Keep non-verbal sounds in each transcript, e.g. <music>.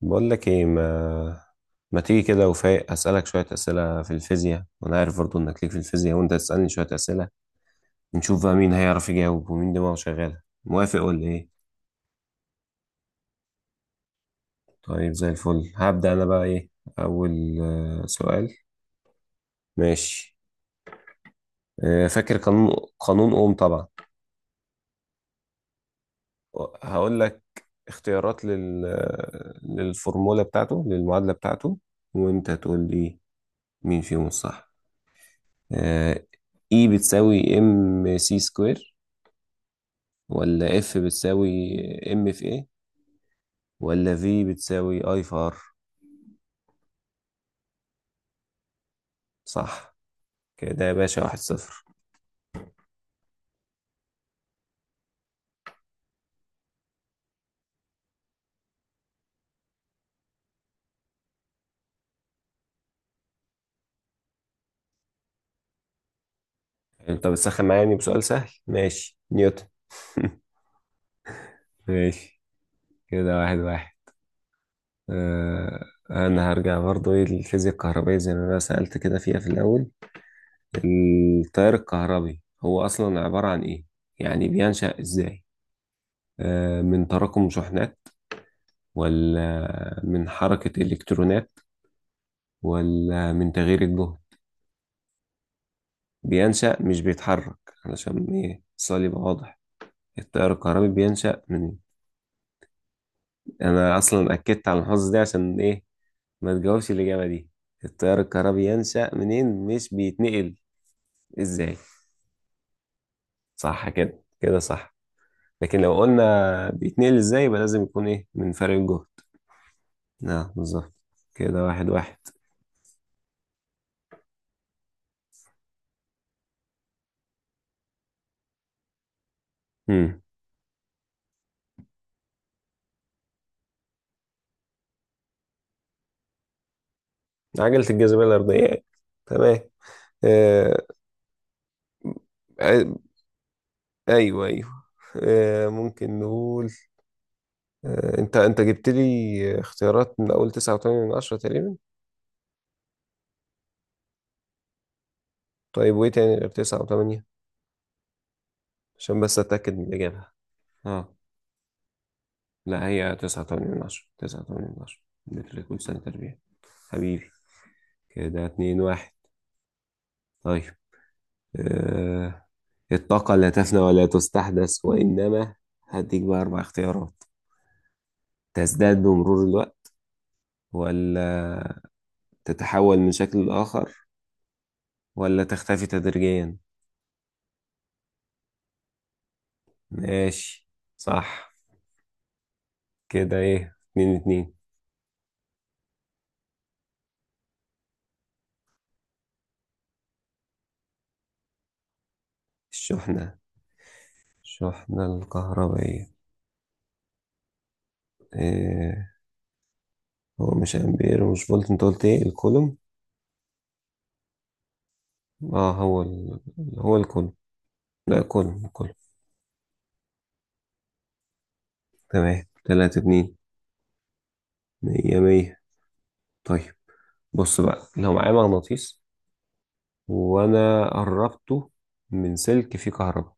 بقول لك ايه ما تيجي كده وفايق اسالك شويه اسئله في الفيزياء، وانا عارف برضو انك ليك في الفيزياء وانت تسالني شويه اسئله. نشوف بقى مين هيعرف يجاوب ومين دماغه شغاله. موافق ولا ايه؟ طيب زي الفل. هبدا انا بقى ايه اول سؤال. ماشي. فاكر قانون اوم طبعا. هقول لك اختيارات لل آه، للفورمولا بتاعته، للمعادله بتاعته، وانت تقول لي مين فيهم الصح. آه، E بتساوي ام سي سكوير، ولا اف بتساوي ام في ايه، ولا في بتساوي اي في ار؟ صح. كده يا باشا 1-0. انت بتسخن معايا يعني بسؤال سهل. ماشي، نيوتن. <laughs> ماشي. كده 1-1. آه، انا هرجع برضو ايه للفيزياء الكهربائية زي ما انا سألت كده فيها في الاول. التيار الكهربي هو اصلا عبارة عن ايه؟ يعني بينشأ ازاي؟ آه، من تراكم شحنات، ولا من حركة الكترونات، ولا من تغيير الجهد؟ بينشأ مش بيتحرك، علشان ايه السؤال يبقى واضح. التيار الكهربي بينشأ منين؟ انا اصلا اكدت على المحافظة دي عشان ايه ما تجاوبش الاجابة دي. التيار الكهربي ينشأ منين، مش بيتنقل؟ ازاي؟ صح. كده صح. لكن لو قلنا بيتنقل ازاي يبقى لازم يكون ايه من فرق الجهد. نعم، بالظبط. كده 1-1. امم عجلة الجاذبية الأرضية. تمام. آه... آه، ايوه ايوه. ممكن نقول، انت جبت لي اختيارات من اول 9.8 تقريبا. طيب وايه تاني غير 9.8؟ عشان بس اتاكد من الاجابة. اه. لا، هي 9.8، 9.8 مثل كل سنة تربية. حبيبي. كده 2-1. طيب. آه. الطاقة لا تفنى ولا تستحدث، وإنما هديك بقى أربع اختيارات: تزداد بمرور الوقت، ولا تتحول من شكل لآخر، ولا تختفي تدريجيا. ماشي، صح. كده ايه، 2-2. الشحنة الشحنة الكهربائية. إيه، هو مش امبير ومش فولت، انت قلت ايه؟ الكولوم. اه، هو هو الكولوم. لا، كولوم كولوم. تمام، 3-2. مية مية. طيب، بص بقى لو معايا مغناطيس وانا قربته من سلك فيه كهرباء،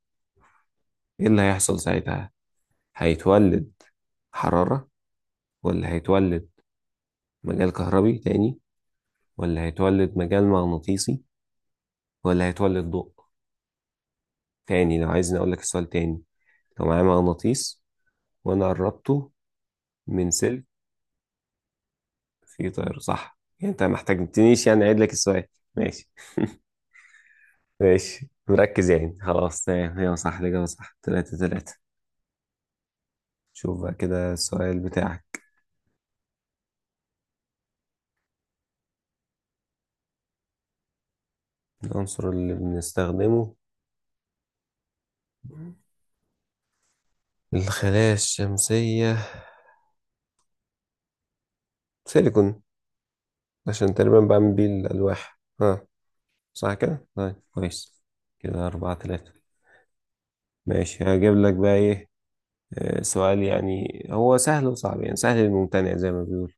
ايه اللي هيحصل ساعتها؟ هيتولد حرارة، ولا هيتولد مجال كهربي تاني، ولا هيتولد مجال مغناطيسي، ولا هيتولد ضوء؟ تاني، لو عايزني أقول لك السؤال تاني: لو معايا مغناطيس وأنا قربته من سلك. في طير صح؟ يعني أنت ما احتاجتنيش يعني أعيد لك السؤال. ماشي. <laughs> ماشي، مركز يعني، خلاص تمام. هي صح، الإجابة صح. 3-3. شوف بقى كده السؤال بتاعك. العنصر اللي بنستخدمه؟ الخلايا الشمسية. سيليكون، عشان تقريبا بعمل بيه الألواح. ها، صح كده؟ طيب، كويس. كده 4-3. ماشي، هجيب لك بقى إيه، سؤال يعني هو سهل وصعب، يعني سهل للممتنع زي ما بيقول.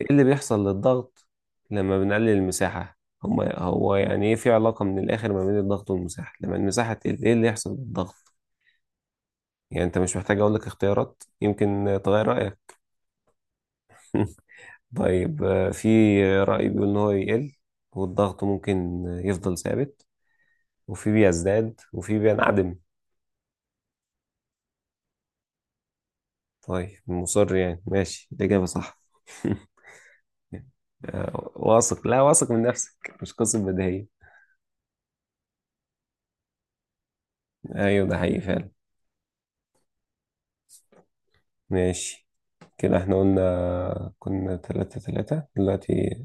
ايه اللي بيحصل للضغط لما بنقلل المساحة؟ هو يعني ايه، في علاقة من الآخر ما بين الضغط والمساحة، لما المساحة تقل ايه اللي يحصل للضغط؟ يعني انت مش محتاج اقول لك اختيارات يمكن تغير رأيك. <laughs> طيب، في رأي بيقول ان هو يقل، والضغط ممكن يفضل ثابت، وفي بيزداد، وفي بينعدم. طيب، مصر يعني ماشي، الإجابة صح. <laughs> واثق لا واثق من نفسك، مش قصة بديهية. ايوه، ده حقيقي فعلا. ماشي. كده احنا قلنا كنا 3-3 دلوقتي.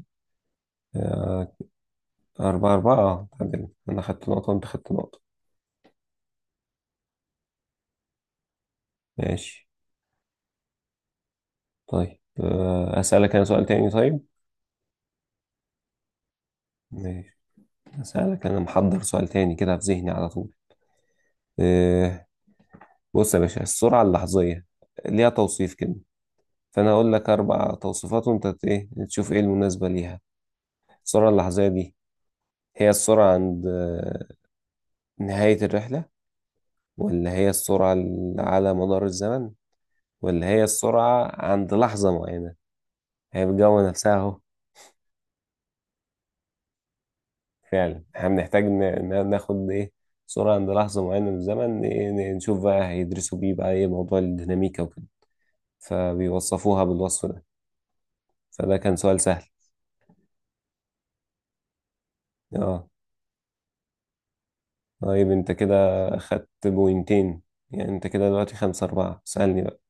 آه، 4-4، اه تعادلنا، أنا خدت نقطة وأنت خدت نقطة. ماشي. طيب، أسألك أنا سؤال تاني. طيب، ماشي، أسألك أنا محضر سؤال تاني كده في ذهني على طول. آه، بص يا باشا، السرعة اللحظية ليها توصيف كده، فأنا هقول لك أربع توصيفات وأنت إيه تشوف إيه المناسبة ليها. السرعة اللحظية دي هي السرعة عند نهاية الرحلة، ولا هي السرعة على مدار الزمن، ولا هي السرعة عند لحظة معينة؟ هي بتجوه نفسها اهو. فعلا احنا بنحتاج ناخد ايه سرعة عند لحظة معينة من الزمن. نشوف بقى هيدرسوا بيه بقى ايه موضوع الديناميكا وكده. فبيوصفوها بالوصف ده. فده كان سؤال سهل. اه طيب، انت كده خدت بوينتين. يعني انت كده دلوقتي 5-4. سألني بقى.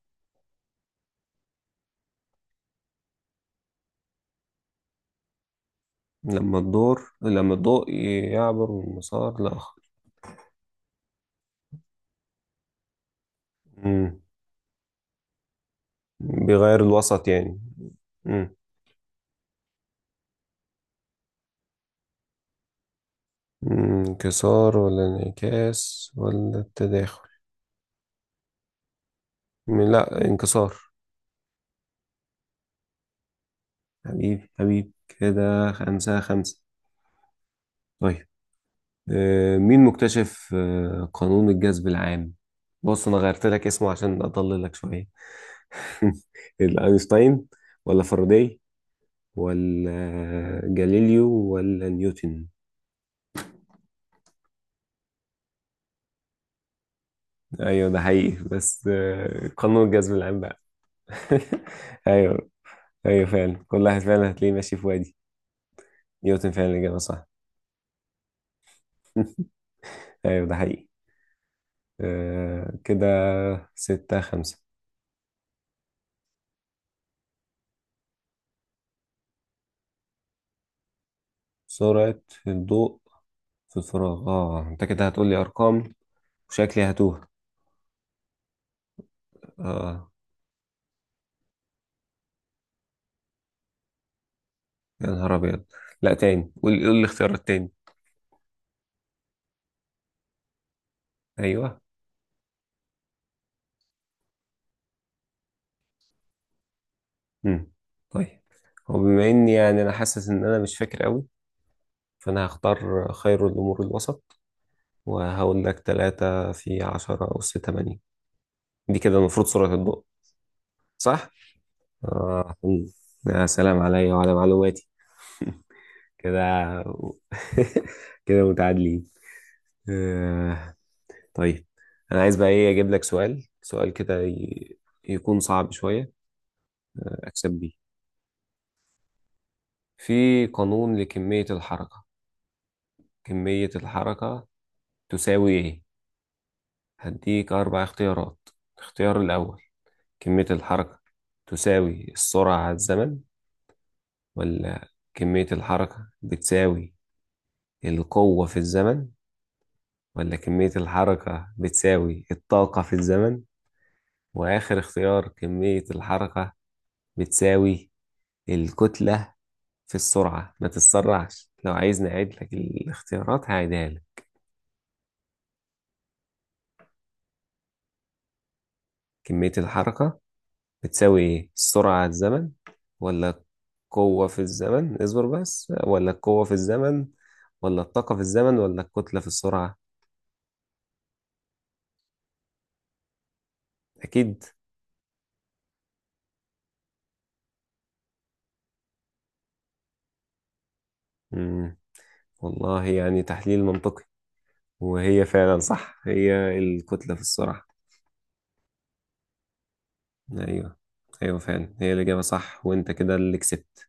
لما الضوء يعبر من مسار لآخر. مم. بيغير الوسط يعني. مم. مم، انكسار ولا انعكاس ولا التداخل؟ لا، انكسار. حبيبي، حبيبي، كده 5-5. طيب، مين مكتشف قانون الجذب العام؟ بص انا غيرت لك اسمه عشان اضللك شوية. <laughs> اينشتاين، ولا فاراداي، ولا جاليليو، ولا نيوتن؟ ايوه ده حقيقي، بس قانون الجذب العام بقى. <laughs> ايوه، ايوه فعلا، كل واحد فعلا هتلاقيه ماشي في وادي. نيوتن، فعلا الاجابه صح. ايوه ده حقيقي. آه كده 6-5. سرعة الضوء في الفراغ. اه انت كده هتقولي ارقام وشكلي هتوه. اه، يا نهار ابيض. لا تاني، قول الاختيارات تاني. ايوه. امم طيب، هو بما اني يعني انا حاسس ان انا مش فاكر قوي، فانا هختار خير الامور الوسط، وهقول لك 3×10⁸. دي كده المفروض سرعة الضوء. صح؟ اه. يا سلام عليا وعلى معلوماتي. كده <laughs> كده متعادلين. آه، طيب انا عايز بقى ايه اجيب لك سؤال كده يكون صعب شوية اكسب بيه. في قانون لكمية الحركة. كمية الحركة تساوي ايه؟ هديك اربع اختيارات. الاختيار الاول كمية الحركة تساوي السرعة على الزمن، ولا كمية الحركة بتساوي القوة في الزمن، ولا كمية الحركة بتساوي الطاقة في الزمن، وآخر اختيار كمية الحركة بتساوي الكتلة في السرعة. ما تتسرعش، لو عايز نعيد لك الاختيارات هعيدها لك. كمية الحركة بتساوي ايه؟ السرعة على الزمن، ولا القوة في الزمن، اصبر بس، ولا القوة في الزمن، ولا الطاقة في الزمن، ولا الكتلة في السرعة؟ أكيد. مم. والله، يعني تحليل منطقي. وهي فعلا صح، هي الكتلة في السرعة. أيوه، أيوه فعلا هي الإجابة صح، وأنت كده اللي كسبت.